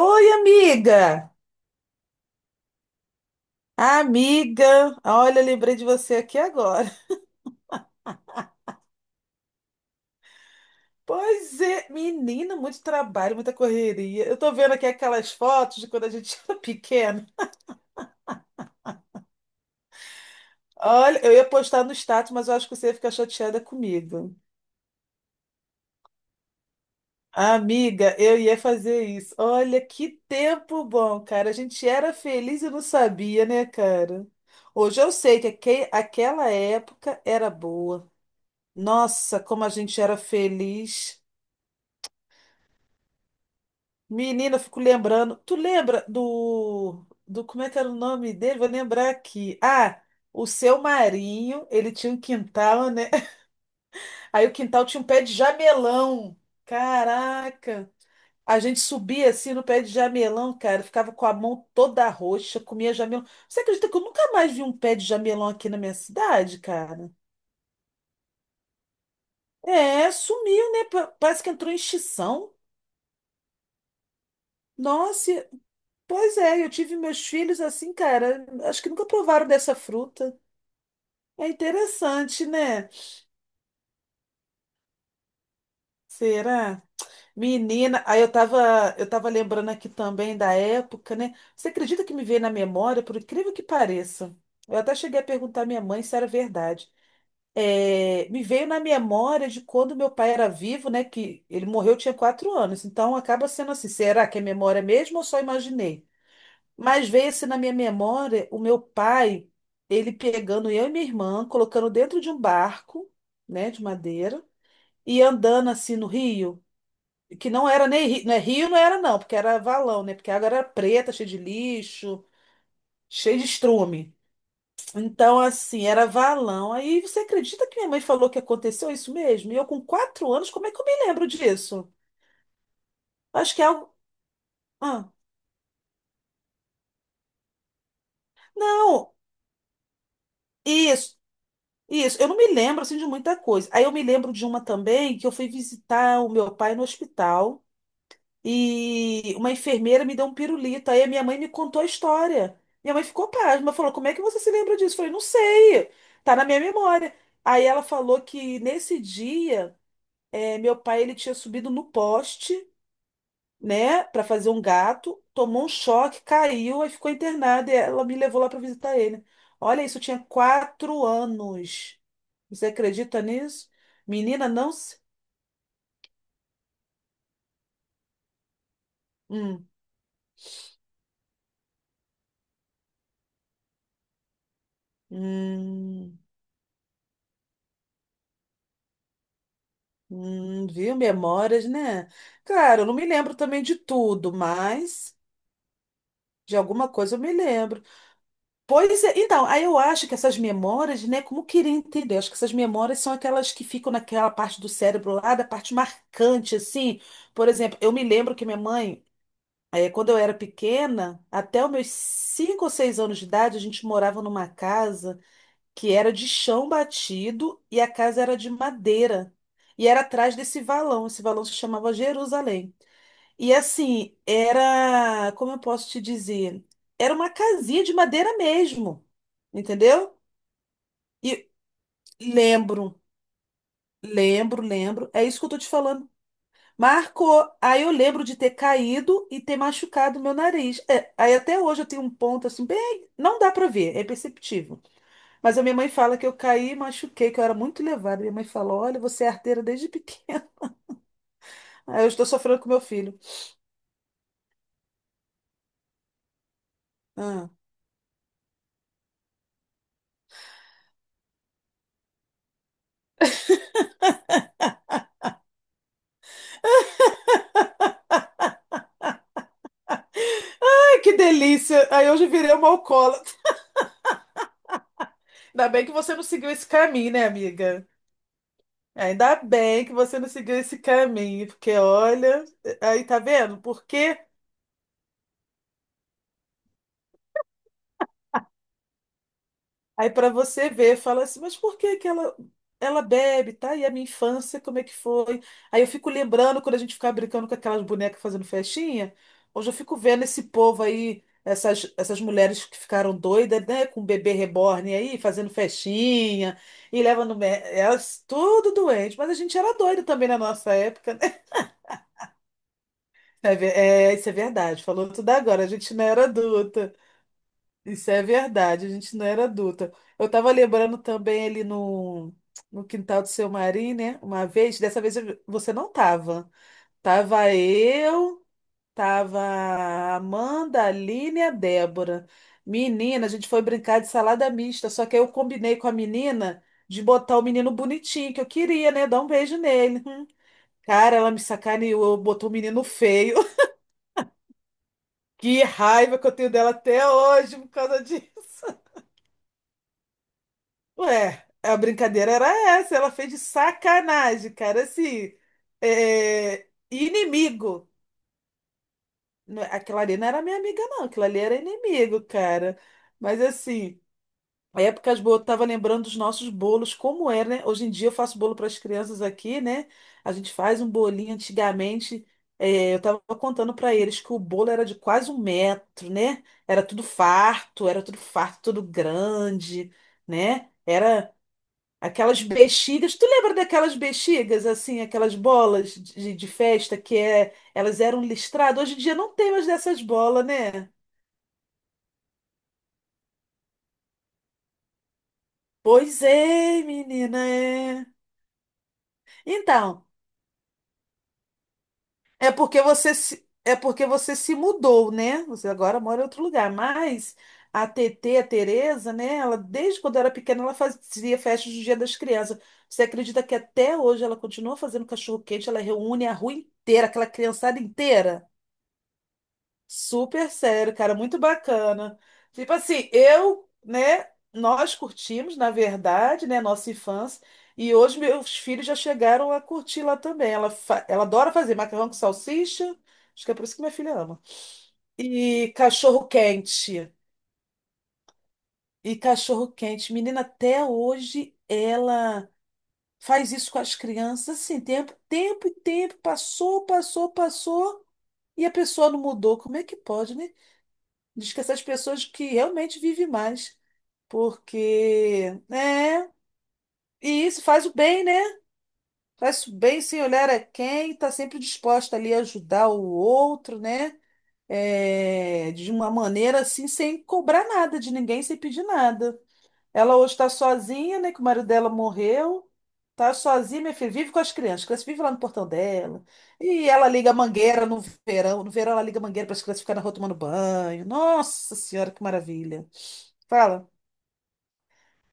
Oi, amiga! Amiga, olha, lembrei de você aqui agora. Pois é, menina, muito trabalho, muita correria. Eu tô vendo aqui aquelas fotos de quando a gente era pequena. Olha, eu ia postar no status, mas eu acho que você ia ficar chateada comigo. Amiga, eu ia fazer isso. Olha que tempo bom, cara. A gente era feliz e não sabia, né, cara? Hoje eu sei que aquela época era boa. Nossa, como a gente era feliz. Menina, eu fico lembrando. Tu lembra do. Como é que era o nome dele? Vou lembrar aqui. Ah, o seu Marinho, ele tinha um quintal, né? Aí o quintal tinha um pé de jamelão. Caraca! A gente subia assim no pé de jamelão, cara. Ficava com a mão toda roxa, comia jamelão. Você acredita que eu nunca mais vi um pé de jamelão aqui na minha cidade, cara? É, sumiu, né? Parece que entrou em extinção. Nossa, pois é, eu tive meus filhos assim, cara. Acho que nunca provaram dessa fruta. É interessante, né? Será? Menina, aí eu tava lembrando aqui também da época, né? Você acredita que me veio na memória, por incrível que pareça? Eu até cheguei a perguntar à minha mãe se era verdade. É, me veio na memória de quando meu pai era vivo, né? Que ele morreu, eu tinha 4 anos. Então acaba sendo assim, será que é memória mesmo ou só imaginei? Mas veio assim na minha memória o meu pai, ele pegando eu e minha irmã, colocando dentro de um barco, né, de madeira, e andando assim no rio, que não era nem rio, não é rio, não era não, porque era valão, né, porque a água era preta, cheia de lixo, cheia de estrume. Então, assim, era valão. Aí você acredita que minha mãe falou que aconteceu isso mesmo? E eu com 4 anos, como é que eu me lembro disso? Acho que é algo. Ah, não, isso. Isso, eu não me lembro assim de muita coisa. Aí eu me lembro de uma também que eu fui visitar o meu pai no hospital e uma enfermeira me deu um pirulito. Aí a minha mãe me contou a história. Minha mãe ficou pasma, falou: como é que você se lembra disso? Eu falei: não sei, tá na minha memória. Aí ela falou que nesse dia meu pai ele tinha subido no poste, né, para fazer um gato, tomou um choque, caiu e ficou internada. E ela me levou lá para visitar ele. Olha, isso tinha 4 anos. Você acredita nisso? Menina, não se. Hum, hum, viu? Memórias, né? Claro, eu não me lembro também de tudo, mas de alguma coisa eu me lembro. Pois é, então, aí eu acho que essas memórias, né, como eu queria entender, acho que essas memórias são aquelas que ficam naquela parte do cérebro lá, da parte marcante, assim. Por exemplo, eu me lembro que minha mãe, quando eu era pequena, até os meus 5 ou 6 anos de idade, a gente morava numa casa que era de chão batido e a casa era de madeira. E era atrás desse valão, esse valão se chamava Jerusalém. E assim, era, como eu posso te dizer, era uma casinha de madeira mesmo, entendeu? E lembro, lembro, é isso que eu tô te falando. Marcou, aí eu lembro de ter caído e ter machucado meu nariz. É, aí até hoje eu tenho um ponto assim, bem, não dá pra ver, é perceptível. Mas a minha mãe fala que eu caí e machuquei, que eu era muito levada. Minha mãe falou, olha, você é arteira desde pequena. Aí eu estou sofrendo com meu filho. Ah. Ai, que delícia! Aí hoje eu virei uma alcoólatra. Ainda bem que você não seguiu esse caminho, né, amiga? Ainda bem que você não seguiu esse caminho, porque olha, aí tá vendo? Por quê? Aí pra você ver, fala assim, mas por que que ela bebe, tá? E a minha infância, como é que foi? Aí eu fico lembrando quando a gente ficava brincando com aquelas bonecas fazendo festinha. Hoje eu fico vendo esse povo aí, essas mulheres que ficaram doidas, né, com o bebê reborn aí, fazendo festinha, e leva no. Elas tudo doente, mas a gente era doido também na nossa época. É, é, isso é verdade. Falou tudo agora. A gente não era adulta. Isso é verdade. A gente não era adulta. Eu tava lembrando também ali no quintal do seu Marim, né? Uma vez, dessa vez você não tava. Tava eu, tava a Amanda, a Aline e a Débora. Menina, a gente foi brincar de salada mista. Só que aí eu combinei com a menina de botar o menino bonitinho que eu queria, né? Dar um beijo nele. Hum. Cara, ela me sacaneou, botou o menino feio. Que raiva que eu tenho dela até hoje por causa disso. Ué, a brincadeira era essa, ela fez de sacanagem, cara, assim, é, inimigo. É, aquela ali não era minha amiga, não, aquela ali era inimigo, cara. Mas assim. Épocas boas, eu tava lembrando dos nossos bolos, como era, né? Hoje em dia eu faço bolo para as crianças aqui, né? A gente faz um bolinho antigamente. Eu tava contando para eles que o bolo era de quase 1 metro, né? Era tudo farto, tudo grande, né? Era aquelas bexigas. Tu lembra daquelas bexigas, assim, aquelas bolas de festa que é, elas eram listradas? Hoje em dia não tem mais dessas bolas, né? Pois é, menina, é. Então. É porque você se, é porque você se mudou, né? Você agora mora em outro lugar. Mas a TT, a Tereza, né? Ela, desde quando era pequena, ela fazia festas do Dia das Crianças. Você acredita que até hoje ela continua fazendo cachorro-quente? Ela reúne a rua inteira, aquela criançada inteira? Super sério, cara, muito bacana. Tipo assim, eu, né, nós curtimos, na verdade, né, nossa infância, e hoje meus filhos já chegaram a curtir lá também. Ela, ela adora fazer macarrão com salsicha, acho que é por isso que minha filha ama. E cachorro quente. E cachorro quente. Menina, até hoje ela faz isso com as crianças, assim, tempo, passou, e a pessoa não mudou. Como é que pode, né? Diz que essas pessoas que realmente vivem mais, porque, né? E isso faz o bem, né? Faz o bem sem olhar a quem, está sempre disposta ali a ajudar o outro, né? É, de uma maneira assim, sem cobrar nada de ninguém, sem pedir nada. Ela hoje está sozinha, né? Que o marido dela morreu. Tá sozinha, minha filha, vive com as crianças. As crianças vivem lá no portão dela. E ela liga a mangueira no verão. No verão, ela liga a mangueira para as crianças ficarem na rua tomando banho. Nossa Senhora, que maravilha. Fala.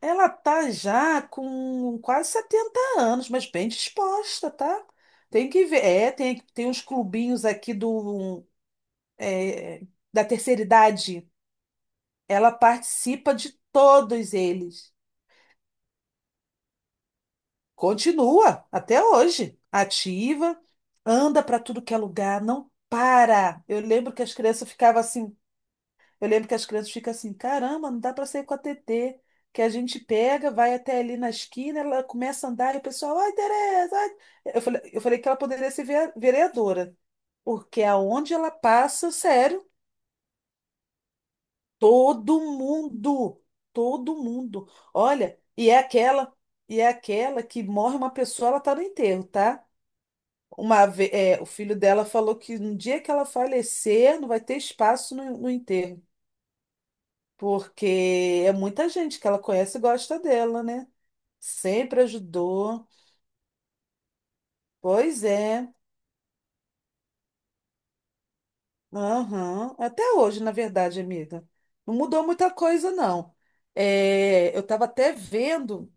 Ela tá já com quase 70 anos, mas bem disposta, tá? Tem que ver. É, tem uns clubinhos aqui é, da terceira idade. Ela participa de todos eles. Continua até hoje, ativa, anda para tudo que é lugar, não para. Eu lembro que as crianças ficavam assim. Eu lembro que as crianças ficam assim, caramba, não dá para sair com a TT, que a gente pega, vai até ali na esquina, ela começa a andar e o pessoal, ai, Tereza, ai. Eu falei que ela poderia ser vereadora, porque aonde ela passa, sério, todo mundo, todo mundo. Olha, e é aquela que morre uma pessoa, ela tá no enterro, tá? Uma, é, o filho dela falou que no dia que ela falecer, não vai ter espaço no enterro. Porque é muita gente que ela conhece e gosta dela, né? Sempre ajudou. Pois é. Aham. Até hoje, na verdade, amiga. Não mudou muita coisa, não. É, eu estava até vendo,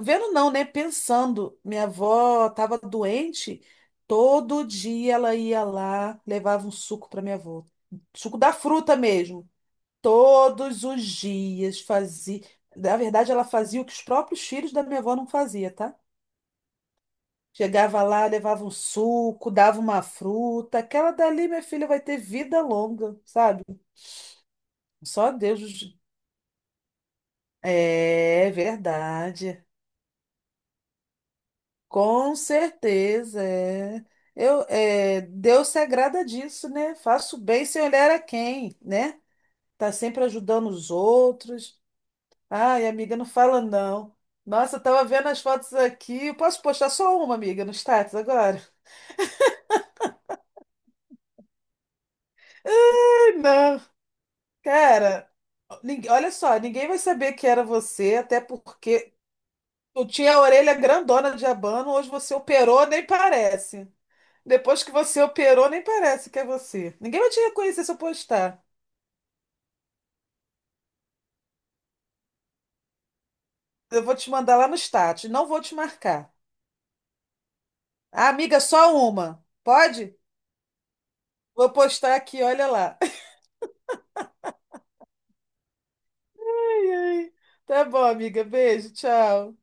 vendo não, né? Pensando, minha avó estava doente, todo dia ela ia lá, levava um suco para minha avó. Suco da fruta mesmo. Todos os dias fazia. Na verdade, ela fazia o que os próprios filhos da minha avó não fazia, tá? Chegava lá, levava um suco, dava uma fruta. Aquela dali, minha filha, vai ter vida longa, sabe? Só Deus. É verdade. Com certeza, é. Eu, é, Deus se agrada disso, né? Faço bem sem olhar a quem, né? Tá sempre ajudando os outros. Ai, amiga, não fala não. Nossa, eu tava vendo as fotos aqui. Posso postar só uma, amiga, no status agora? Ai, não. Cara, olha só, ninguém vai saber que era você, até porque tu tinha a orelha grandona de abano, hoje você operou, nem parece. Depois que você operou, nem parece que é você. Ninguém vai te reconhecer se eu postar. Eu vou te mandar lá no status, não vou te marcar. Ah, amiga, só uma. Pode? Vou postar aqui, olha lá. Ai, ai. Tá bom, amiga. Beijo, tchau.